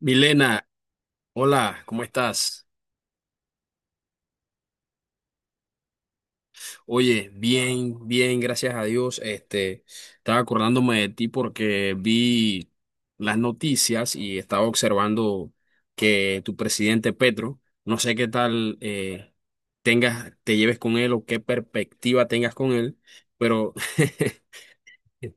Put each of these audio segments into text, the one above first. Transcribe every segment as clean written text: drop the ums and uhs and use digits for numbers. Milena, hola, ¿cómo estás? Oye, bien, bien, gracias a Dios. Estaba acordándome de ti porque vi las noticias y estaba observando que tu presidente Petro, no sé qué tal tengas, te lleves con él o qué perspectiva tengas con él, pero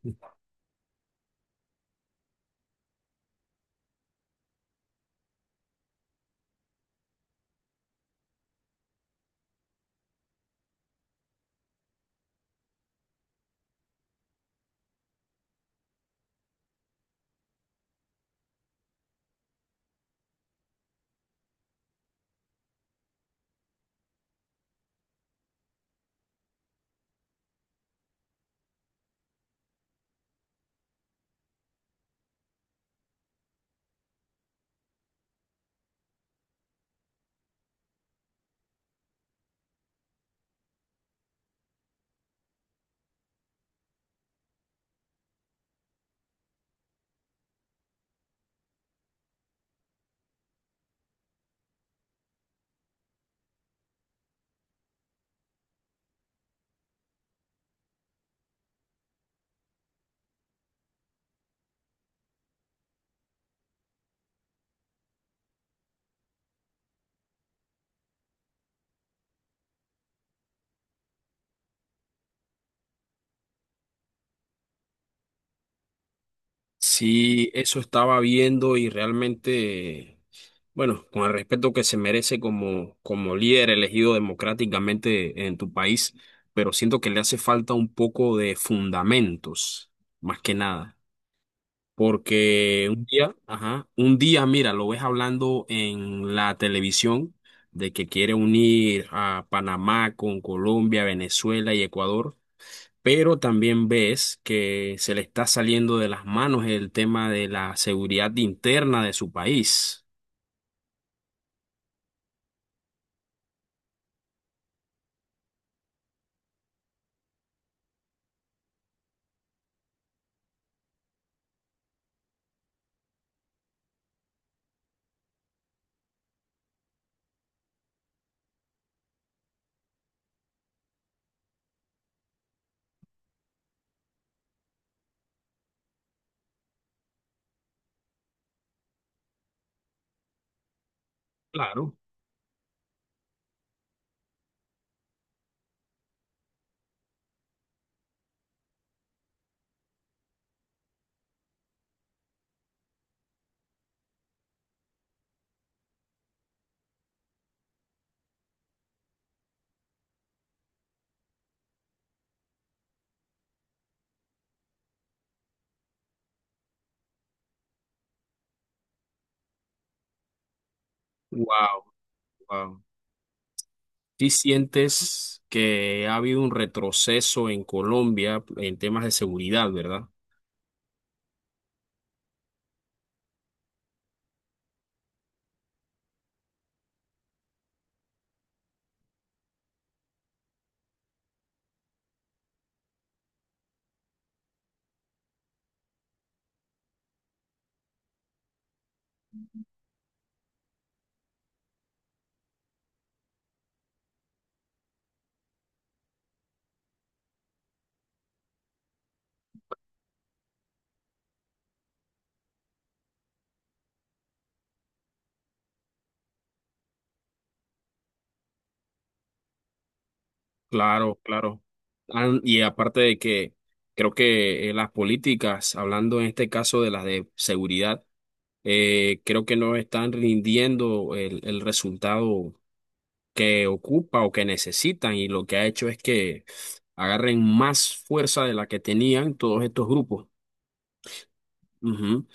Sí, eso estaba viendo y realmente, bueno, con el respeto que se merece como, como líder elegido democráticamente en tu país, pero siento que le hace falta un poco de fundamentos, más que nada, porque un día, ajá, un día, mira, lo ves hablando en la televisión de que quiere unir a Panamá con Colombia, Venezuela y Ecuador, pero también ves que se le está saliendo de las manos el tema de la seguridad interna de su país. Claro. Wow, wow. ¿Sí sientes que ha habido un retroceso en Colombia en temas de seguridad, ¿verdad? Claro, claro. Y aparte de que creo que las políticas, hablando en este caso de las de seguridad, creo que no están rindiendo el resultado que ocupa o que necesitan, y lo que ha hecho es que agarren más fuerza de la que tenían todos estos grupos. Ujú.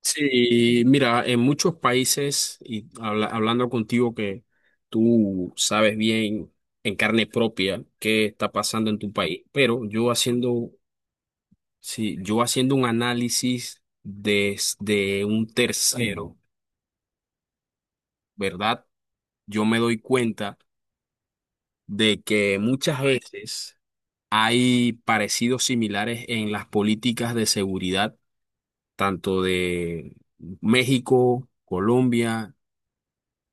Sí, mira, en muchos países, y hablando contigo que tú sabes bien en carne propia qué está pasando en tu país, pero yo haciendo, sí, yo haciendo un análisis desde un tercero, ¿verdad? Yo me doy cuenta de que muchas veces hay parecidos similares en las políticas de seguridad, tanto de México, Colombia,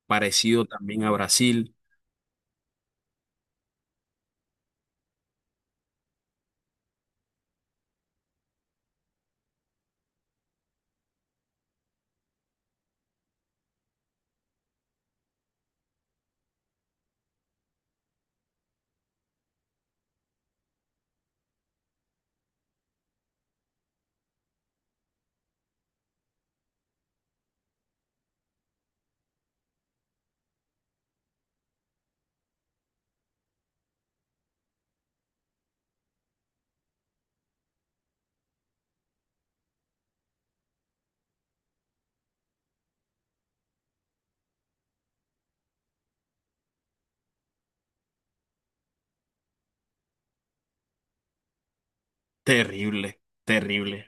parecido también a Brasil. Terrible, terrible.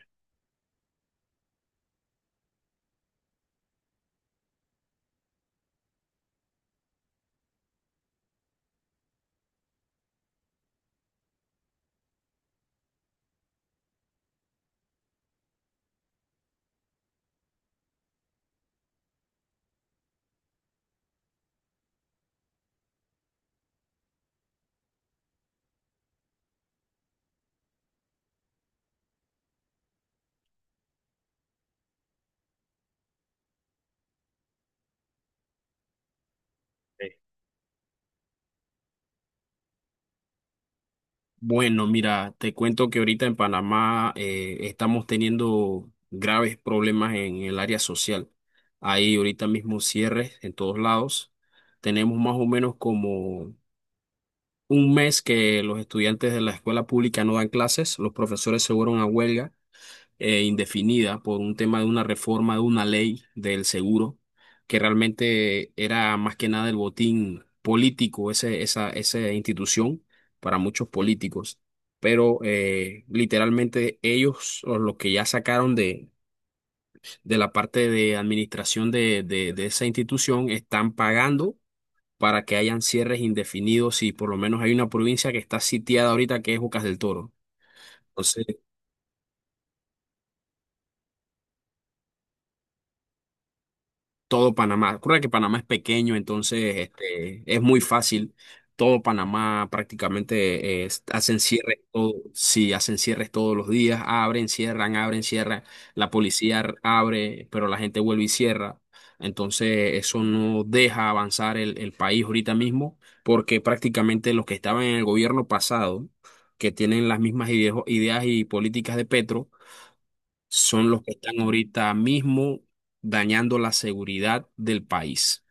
Sí. Bueno, mira, te cuento que ahorita en Panamá estamos teniendo graves problemas en el área social. Hay ahorita mismo cierres en todos lados. Tenemos más o menos como un mes que los estudiantes de la escuela pública no dan clases, los profesores se fueron a huelga indefinida por un tema de una reforma de una ley del seguro, que realmente era más que nada el botín político, ese, esa institución para muchos políticos. Pero literalmente ellos, o los que ya sacaron de la parte de administración de esa institución, están pagando para que hayan cierres indefinidos, y por lo menos hay una provincia que está sitiada ahorita, que es Bocas del Toro. Entonces todo Panamá. Ocurre que Panamá es pequeño, entonces es muy fácil. Todo Panamá prácticamente hacen cierres todo, sí, hacen cierres todos los días, abren, cierran, abren, cierran. La policía abre, pero la gente vuelve y cierra. Entonces eso no deja avanzar el país ahorita mismo, porque prácticamente los que estaban en el gobierno pasado, que tienen las mismas ideas y políticas de Petro, son los que están ahorita mismo dañando la seguridad del país.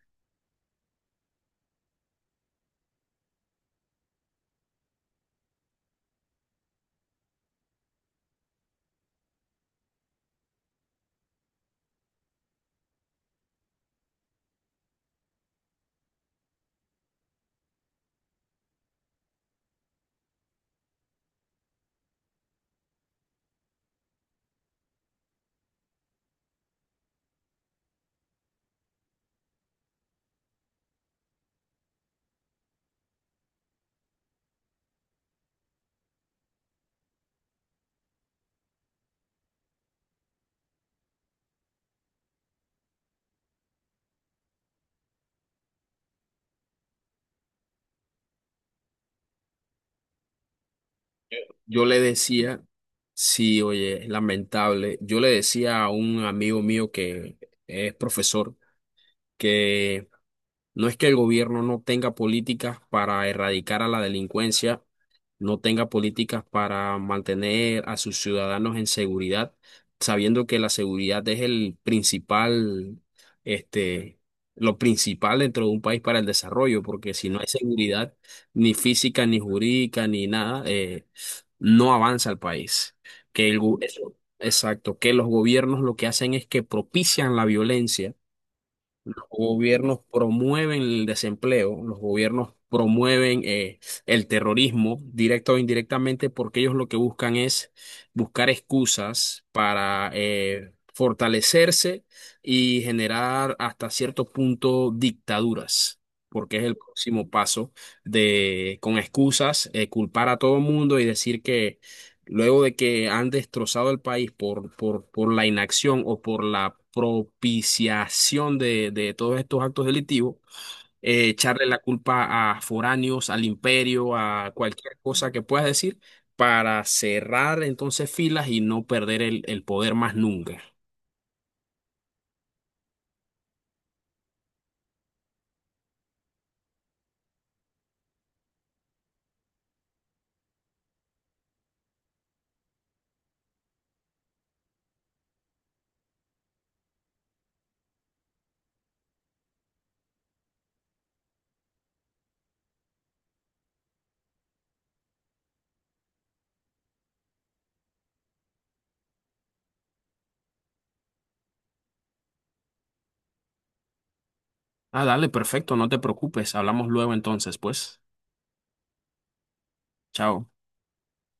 Yo le decía, sí, oye, es lamentable, yo le decía a un amigo mío que es profesor, que no es que el gobierno no tenga políticas para erradicar a la delincuencia, no tenga políticas para mantener a sus ciudadanos en seguridad, sabiendo que la seguridad es el principal, este, lo principal dentro de un país para el desarrollo, porque si no hay seguridad, ni física, ni jurídica, ni nada, no avanza el país. Que eso, exacto, que los gobiernos lo que hacen es que propician la violencia, gobiernos promueven el desempleo, los gobiernos promueven el terrorismo, directa o indirectamente, porque ellos lo que buscan es buscar excusas para fortalecerse y generar hasta cierto punto dictaduras. Porque es el próximo paso de, con excusas, culpar a todo el mundo y decir que, luego de que han destrozado el país por la inacción o por la propiciación de todos estos actos delictivos, echarle la culpa a foráneos, al imperio, a cualquier cosa que puedas decir, para cerrar entonces filas y no perder el poder más nunca. Ah, dale, perfecto, no te preocupes, hablamos luego entonces, pues. Chao.